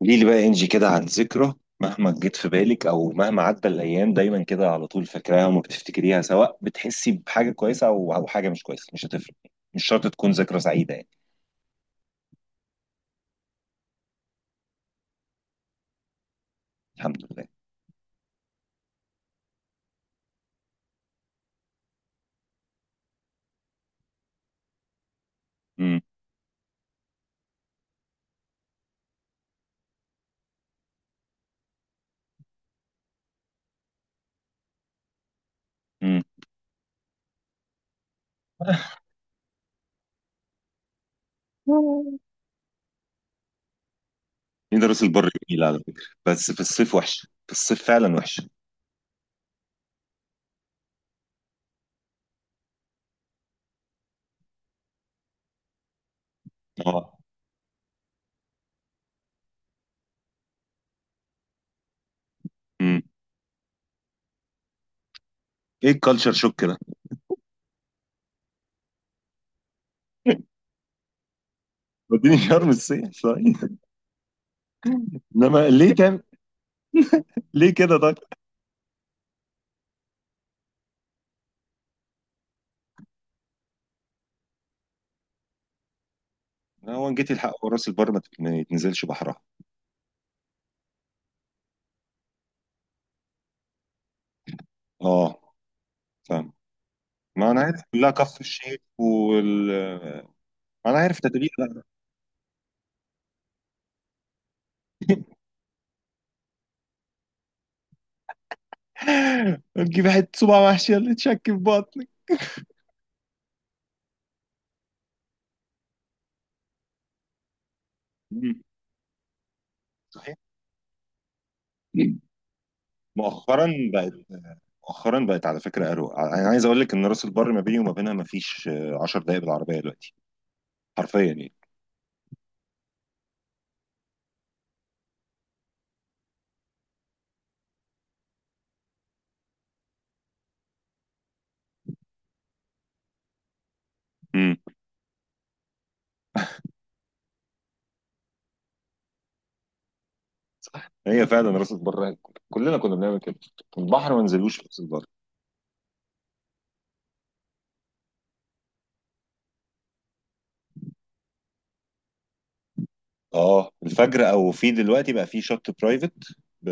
قولي لي بقى انجي كده عن ذكرى، مهما جت في بالك او مهما عدى الايام دايما كده على طول فاكراها وما بتفتكريها، سواء بتحسي بحاجه كويسه او حاجه مش كويسه، مش هتفرق. مش شرط تكون ذكرى سعيده يعني. الحمد لله. امم. امم. مين؟ راس البر جميل على فكره، بس في الصيف وحشه، في الصيف فعلا وحشه. اه. امم. ايه الكالتشر شوك ده؟ وديني شرم الصيف طيب. انما ليه تعمل، ليه كده طيب؟ هو ان جيتي الحق وراس البر ما يتنزلش بحرها. اه، فاهم. ما انا عارف كلها كفر الشيخ وال... ما انا عارف تتبيله بقى. تجيب حته صباع محشي اللي تشك في بطنك. مم. صحيح. مؤخرا بقت مؤخرا بقت على فكره اروق، انا عايز اقول لك ان راس البر ما بيني وما بينها ما فيش 10 دقائق بالعربيه دلوقتي، حرفيا يعني. مم. هي فعلا راس البر، كلنا كنا بنعمل كده، البحر ما نزلوش في راس البر. اه، الفجر او في دلوقتي بقى في شط برايفت، ب...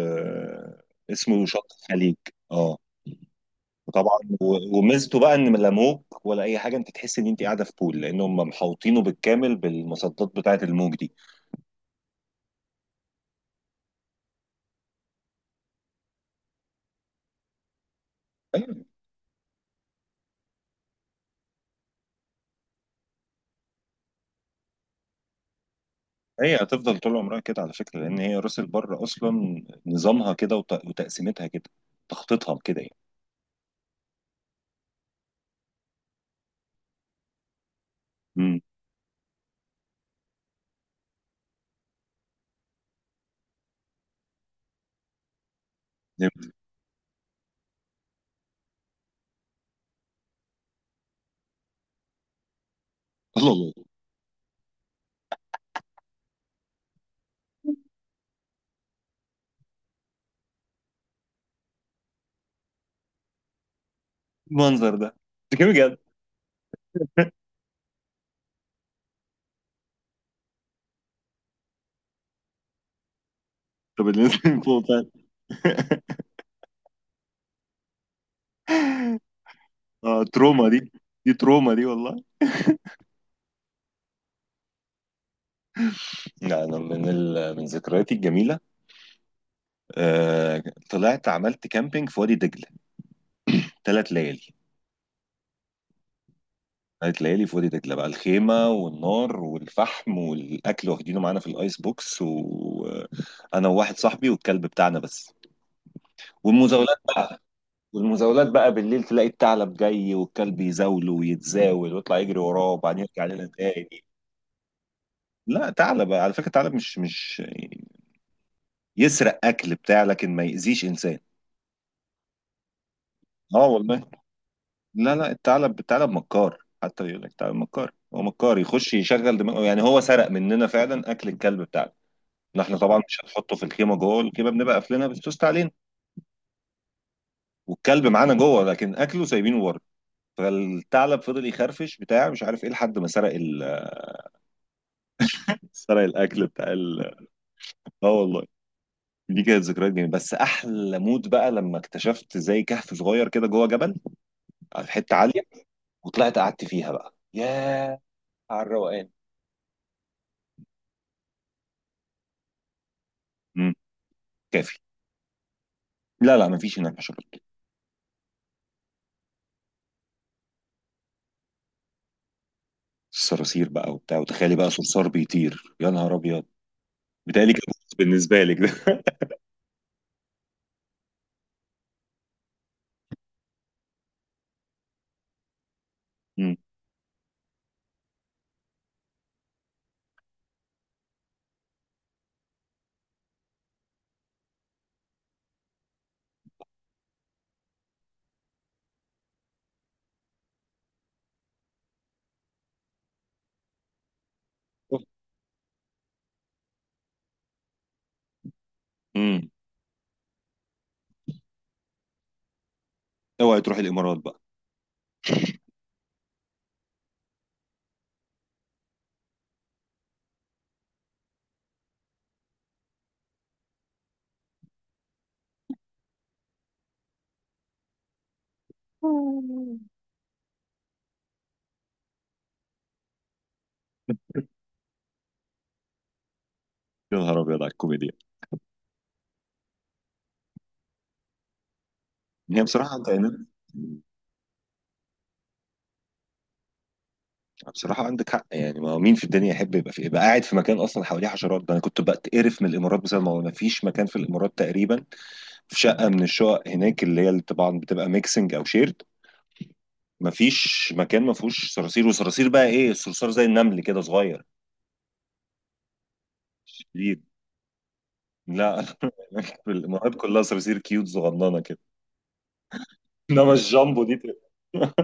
اسمه شط الخليج. اه. وطبعا و- وميزته بقى ان لا موج ولا اي حاجه، انت تحس ان انت قاعده في بول، لان هم محوطينه بالكامل بالمصدات بتاعه الموج دي. أيوة. هي هتفضل طول عمرها كده على فكره، لان هي راس البر اصلا نظامها كده وت- وتقسيمتها كده، تخطيطها كده يعني. امم. فهمت. الله، الله. المنظر ده كده بجد. طب اللي نزل من فوق فعلا. اه، تروما دي. دي تروما دي والله. لا، انا من ذكرياتي الجميله، آه... طلعت عملت كامبينج في وادي دجله، 3 ليالي. هتلاقي لي فاضي دجلة بقى، الخيمة والنار والفحم والأكل واخدينه معانا في الآيس بوكس، وأنا وواحد صاحبي والكلب بتاعنا بس. والمزاولات والمزاولات بقى بالليل تلاقي الثعلب جاي والكلب يزاوله ويتزاول ويطلع يجري وراه، وبعدين يرجع لنا تاني. لا، ثعلب على فكرة، الثعلب مش يسرق أكل بتاع لكن ما يأذيش إنسان. اه والله. لا، لا، الثعلب مكار، حتى يقول لك الثعلب مكار، هو مكار يخش يشغل دماغه يعني، هو سرق مننا فعلا أكل الكلب بتاعنا. احنا طبعا مش هنحطه في الخيمه، جوه الخيمه بنبقى قافلينها بالسوست علينا. والكلب معانا جوه لكن اكله سايبينه بره. فالثعلب فضل يخرفش بتاع مش عارف ايه، لحد ما سرق الاكل بتاع ال... اه والله. دي كانت ذكريات جميله، بس احلى مود بقى لما اكتشفت زي كهف صغير كده جوه جبل، على حته عاليه، وطلعت قعدت فيها بقى، ياه، على الروقان. امم. كافي. لا، لا، مفيش هناك حشرات. الصراصير بقى وبتاع، وتخيلي بقى صرصار بيطير، يا نهار ابيض، بيتهيألي كابوس بالنسبه لك ده. امم. امم. اوعي تروح الامارات بقى. يا نهار ابيض على الكوميديا. هي بصراحه انت هنا، بصراحه عندك حق يعني، ما مين في الدنيا يحب يبقى قاعد في مكان اصلا حواليه حشرات؟ ده انا كنت بتقرف من الامارات بسبب الموضوع ده. ما فيش مكان في الامارات تقريبا، في شقه من الشقق هناك، اللي هي اللي طبعا بتبقى ميكسنج او شيرد، ما فيش مكان ما فيهوش صراصير. وصراصير بقى ايه، الصرصار زي النمل كده صغير. شديد. لا، في الامارات كلها صراصير كيوت صغننه كده، انما الجامبو دي لا.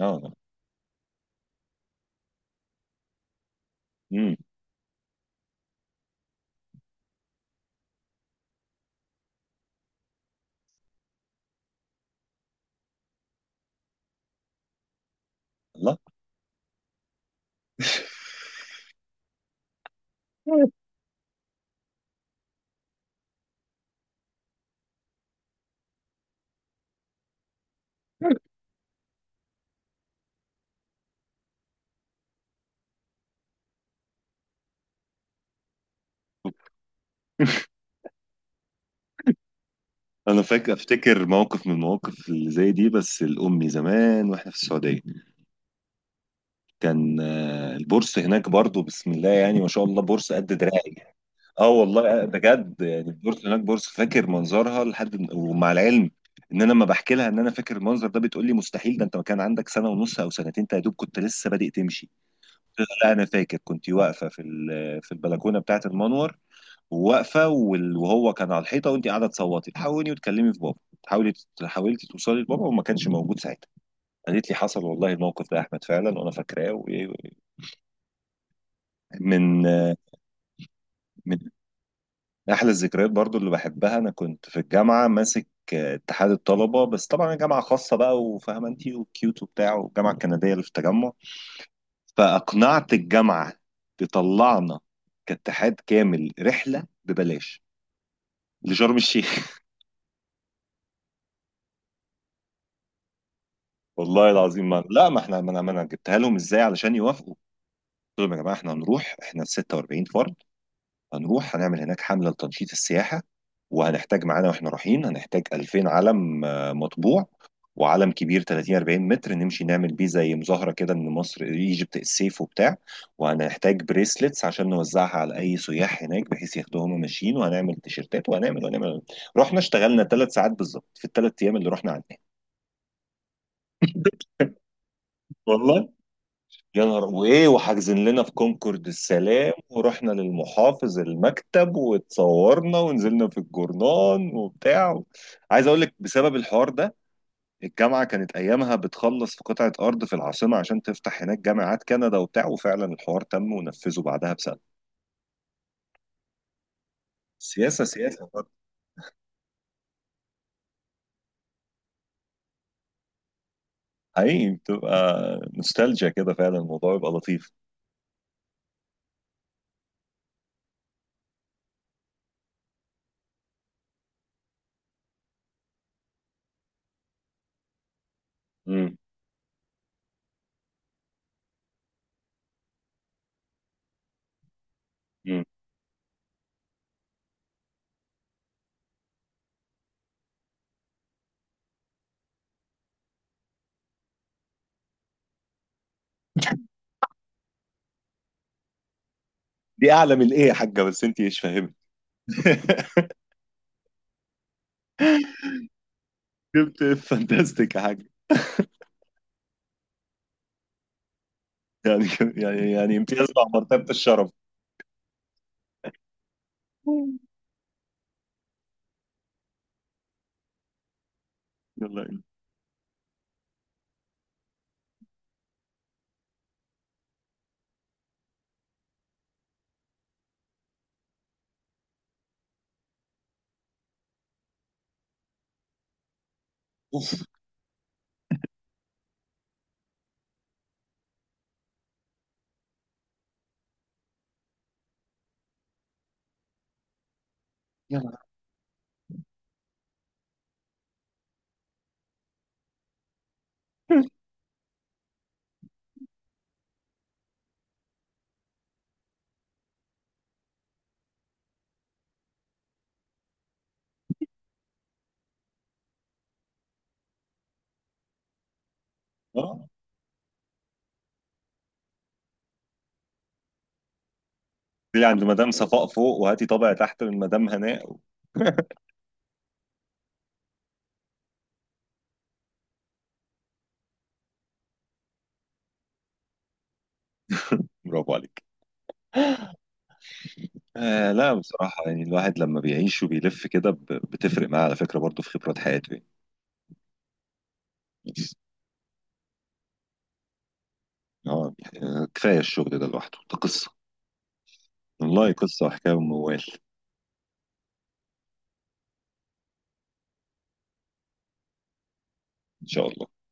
لا. امم. لا. انا افتكر موقف من المواقف اللي زي دي، بس الامي زمان واحنا في السعوديه. كان البورصه هناك برضو، بسم الله يعني ما شاء الله، بورصه قد دراعي. اه والله. بجد يعني البورصه هناك بورصه فاكر منظرها لحد، ومع العلم ان انا لما بحكي لها ان انا فاكر المنظر ده بتقول لي مستحيل، ده انت ما كان عندك سنه ونص او سنتين، انت يا دوب كنت لسه بادئ تمشي. قلت لها لا، انا فاكر كنت واقفه في البلكونه بتاعه المنور، وواقفه وال- وهو كان على الحيطه، وانت قاعده تصوتي تحاولي وتكلمي في بابا، حاولي حاولتي توصلي لبابا وما كانش موجود ساعتها. قالت لي حصل والله الموقف ده يا احمد فعلا وانا فاكراه من من احلى الذكريات برضو اللي بحبها. انا كنت في الجامعه ماسك اتحاد الطلبه، بس طبعا الجامعه خاصه بقى وفاهمه انت، وكيوت وبتاع، والجامعه الكنديه اللي في التجمع، فاقنعت الجامعه تطلعنا كاتحاد كامل رحله ببلاش لشرم الشيخ. والله العظيم ما لا ما احنا ما انا ما انا جبتها لهم ازاي علشان يوافقوا. قلت لهم يا جماعه احنا هنروح، احنا 46 فرد، هنروح هنعمل هناك حمله لتنشيط السياحه، وهنحتاج معانا واحنا رايحين هنحتاج 2000 علم مطبوع، وعلم كبير 30 40 متر نمشي نعمل بيه زي مظاهره كده ان مصر ايجيبت السيف وبتاع، وهنحتاج بريسلتس عشان نوزعها على اي سياح هناك بحيث ياخدوها هم ماشيين، وهنعمل تيشيرتات وهنعمل وهنعمل. رحنا اشتغلنا 3 ساعات بالظبط في الثلاث ايام اللي رحنا عندنا. والله يا نهار وايه، وحاجزين لنا في كونكورد السلام، ورحنا للمحافظ المكتب واتصورنا ونزلنا في الجورنان وبتاع. عايز اقول لك بسبب الحوار ده الجامعه كانت ايامها بتخلص في قطعه ارض في العاصمه عشان تفتح هناك جامعات كندا وبتاع، وفعلا الحوار تم ونفذه بعدها بسنه. سياسه سياسه برضه. حقيقي بتبقى نوستالجيا كده، فعلا الموضوع يبقى لطيف. امم. امم. دي اعلى من ايه يا حاجه بس انت مش فاهمه. جبت فانتاستيك يا حاج. يعني يعني امتياز مع مرتبة الشرف. يلا، يلا، يلا. اه، دي عند مدام صفاء فوق، وهاتي طابع تحت من مدام هناء. برافو عليك. آه، لا بصراحة يعني، الواحد لما بيعيش وبيلف كده بتفرق معاه على فكرة برضه في خبرات حياته يعني. اه يعني، كفاية الشغل ده لوحده، ده قصة. والله قصة وحكاية وموال. إن شاء الله.